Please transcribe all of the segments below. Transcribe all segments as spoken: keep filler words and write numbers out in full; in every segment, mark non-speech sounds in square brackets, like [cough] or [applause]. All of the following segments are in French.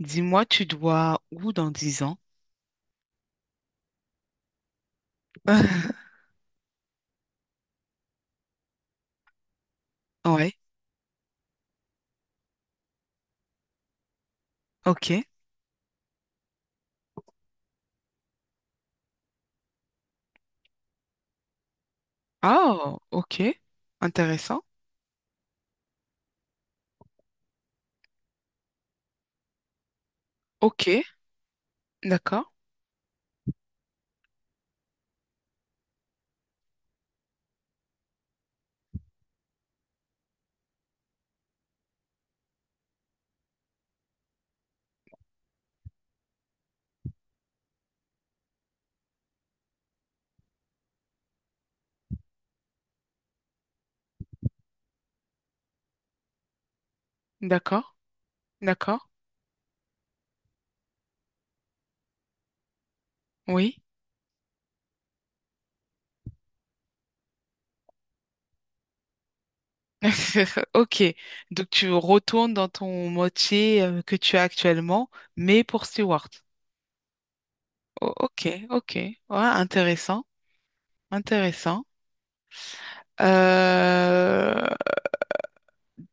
Dis-moi, tu dois où dans dix ans? [laughs] Ouais, ok. Oh, ok. Intéressant. Ok, d'accord. D'accord, d'accord. Oui. [laughs] Ok. Donc tu retournes dans ton métier euh, que tu as actuellement, mais pour Stewart. O- ok, ok. Ouais, intéressant. Intéressant. Euh,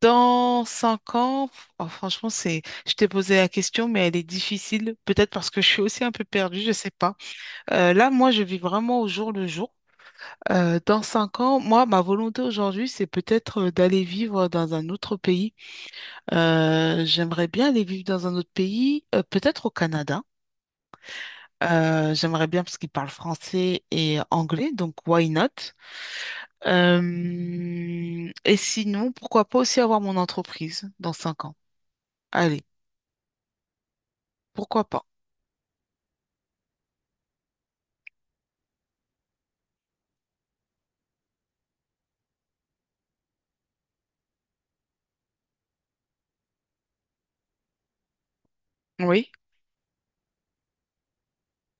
dans cinq ans, oh, franchement, c'est, je t'ai posé la question, mais elle est difficile, peut-être parce que je suis aussi un peu perdue, je sais pas. Euh, là, moi, je vis vraiment au jour le jour. Euh, dans cinq ans, moi, ma volonté aujourd'hui, c'est peut-être euh, d'aller vivre dans un autre pays. Euh, j'aimerais bien aller vivre dans un autre pays, euh, peut-être au Canada. Euh, j'aimerais bien parce qu'ils parlent français et anglais, donc why not? Euh, et sinon, pourquoi pas aussi avoir mon entreprise dans cinq ans? Allez, pourquoi pas? Oui.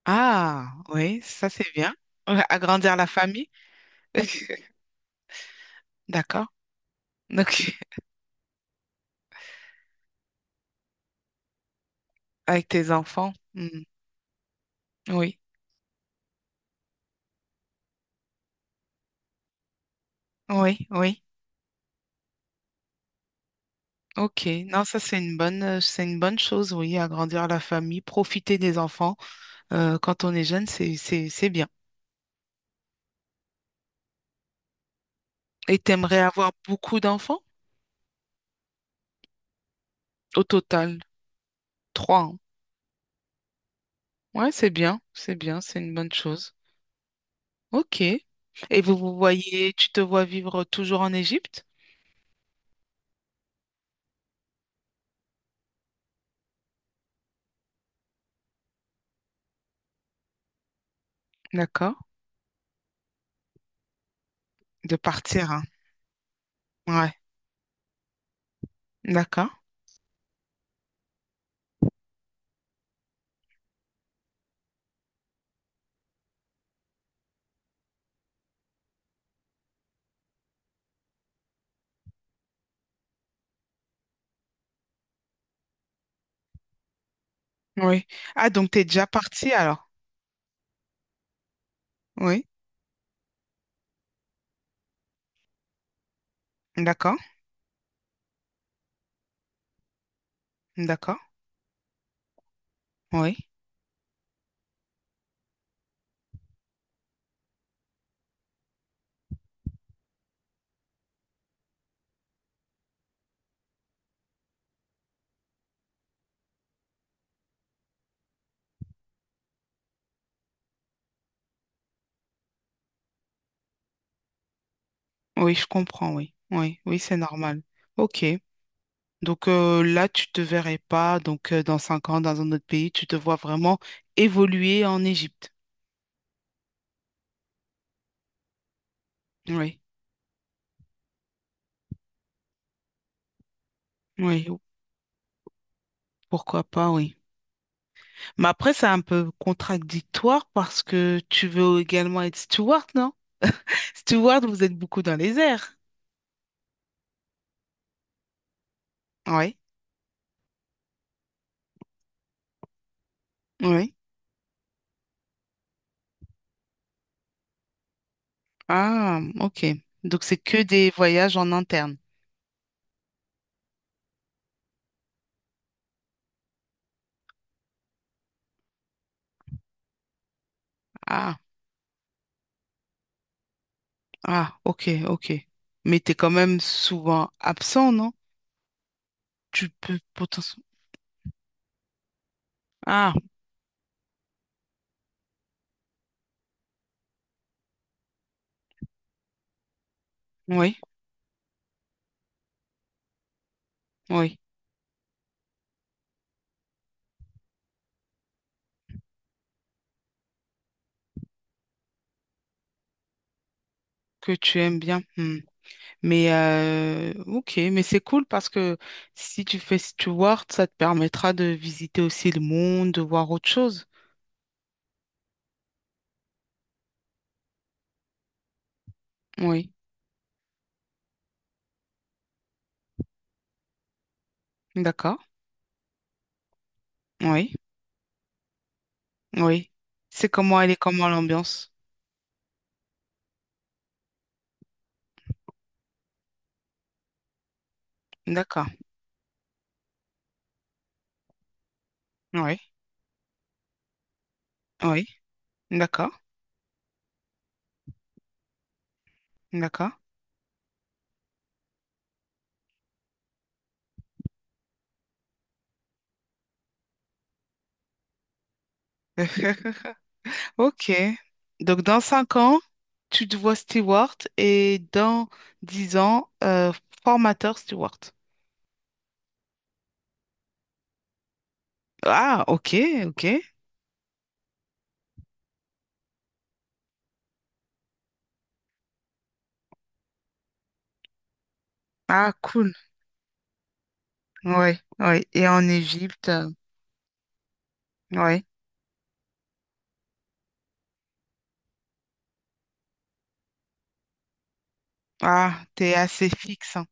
Ah, oui, ça c'est bien. Ouais, agrandir la famille. [laughs] D'accord. Donc, [laughs] avec tes enfants. Hmm. Oui, oui, oui. Ok. Non, ça c'est une bonne, euh, c'est une bonne chose, oui, agrandir la famille, profiter des enfants. euh, quand on est jeune, c'est, c'est, c'est bien. Et t'aimerais avoir beaucoup d'enfants? Au total, trois, hein. Ouais, c'est bien, c'est bien, c'est une bonne chose. Ok. Et vous vous voyez, tu te vois vivre toujours en Égypte? D'accord. De partir, hein. Ouais. D'accord. Oui. Ah, donc t'es déjà parti alors? Oui. D'accord. D'accord. Oui. Oui, je comprends, oui. Oui, oui, c'est normal. Ok. Donc euh, là, tu te verrais pas, donc euh, dans cinq ans, dans un autre pays, tu te vois vraiment évoluer en Égypte. Oui. Oui. ou- Pourquoi pas, oui. Mais après, c'est un peu contradictoire parce que tu veux également être steward, steward, vous êtes beaucoup dans les airs. Oui, oui. Ah, ok. Donc, c'est que des voyages en interne. Ah, ah, ok, ok. Mais t'es quand même souvent absent, non? Tu peux potentiellement... Ah, oui, oui. Que tu aimes bien. Hmm. Mais, euh, ok, mais c'est cool parce que si tu fais Steward, ça te permettra de visiter aussi le monde, de voir autre chose. Oui, d'accord. Oui, oui. C'est comment elle est, comment l'ambiance. D'accord. Oui. Oui, d'accord, d'accord. [laughs] Ok. Donc, dans cinq ans, tu te vois steward et dans dix ans, euh, formateur steward. Ah, ok, ok. Ah, cool. Ouais, ouais. Et en Égypte, euh, ouais. Ah, t'es assez fixe, hein.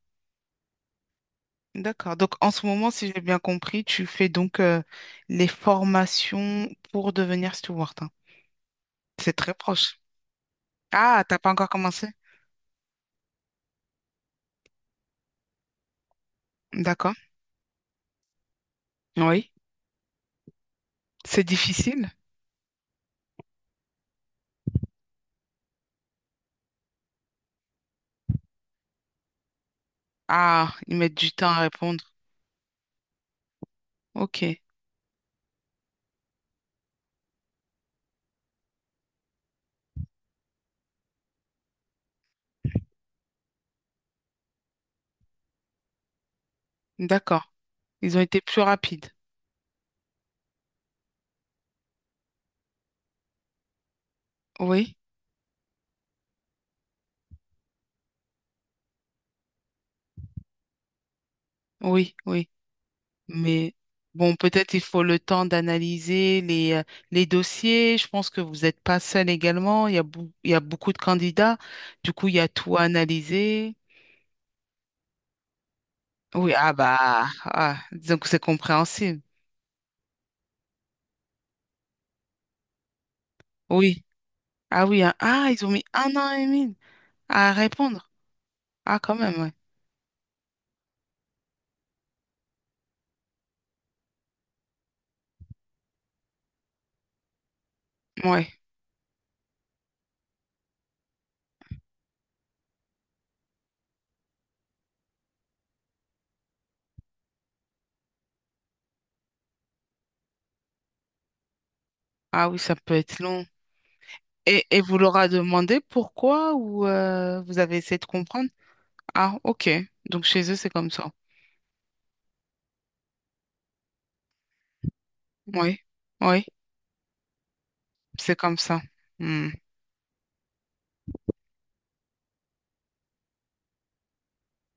D'accord. Donc, en ce moment, si j'ai bien compris, tu fais donc euh, les formations pour devenir steward, hein. C'est très proche. Ah, t'as pas encore commencé? D'accord. Oui. C'est difficile. Ah, ils mettent du temps à répondre. Ok, d'accord. Ils ont été plus rapides. Oui, oui, oui. Mais bon, peut-être il faut le temps d'analyser les, euh, les dossiers. Je pense que vous n'êtes pas seul également. Il y a, bou- il y a beaucoup de candidats. Du coup, il y a tout à analyser. Oui, ah bah, ah, disons que c'est compréhensible. Oui. Ah oui, hein. Ah, ils ont mis un an et demi à répondre. Ah, quand même, ouais. Ouais. Ah oui, ça peut être long. Et, et vous leur a demandé pourquoi ou euh, vous avez essayé de comprendre? Ah, ok. Donc chez eux, c'est comme ça. Oui, oui, c'est comme ça. Hmm.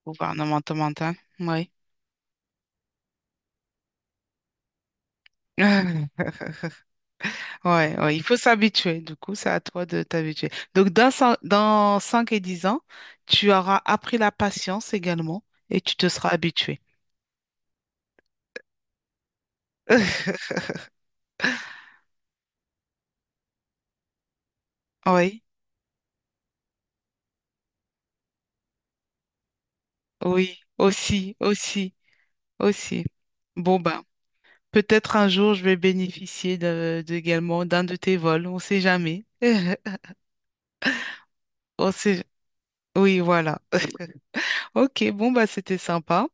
Gouvernemental, oui. [laughs] Ouais, ouais, il faut s'habituer. Du coup, c'est à toi de t'habituer. Donc, dans, cin- dans cinq et dix ans, tu auras appris la patience également et tu te seras habitué. [laughs] Oui, oui, aussi, aussi, aussi. Bon, ben. Peut-être un jour, je vais bénéficier de, de- également d'un de tes vols. On sait jamais. [laughs] On sait... Oui, voilà. Ok, bon, bah, c'était sympa.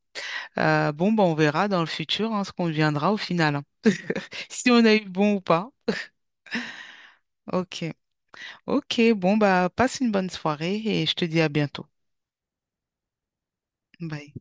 Euh, bon, bah, on verra dans le futur hein, ce qu'on deviendra au final, hein. Si on a eu bon ou pas. Ok. Ok, bon, bah, passe une bonne soirée et je te dis à bientôt. Bye.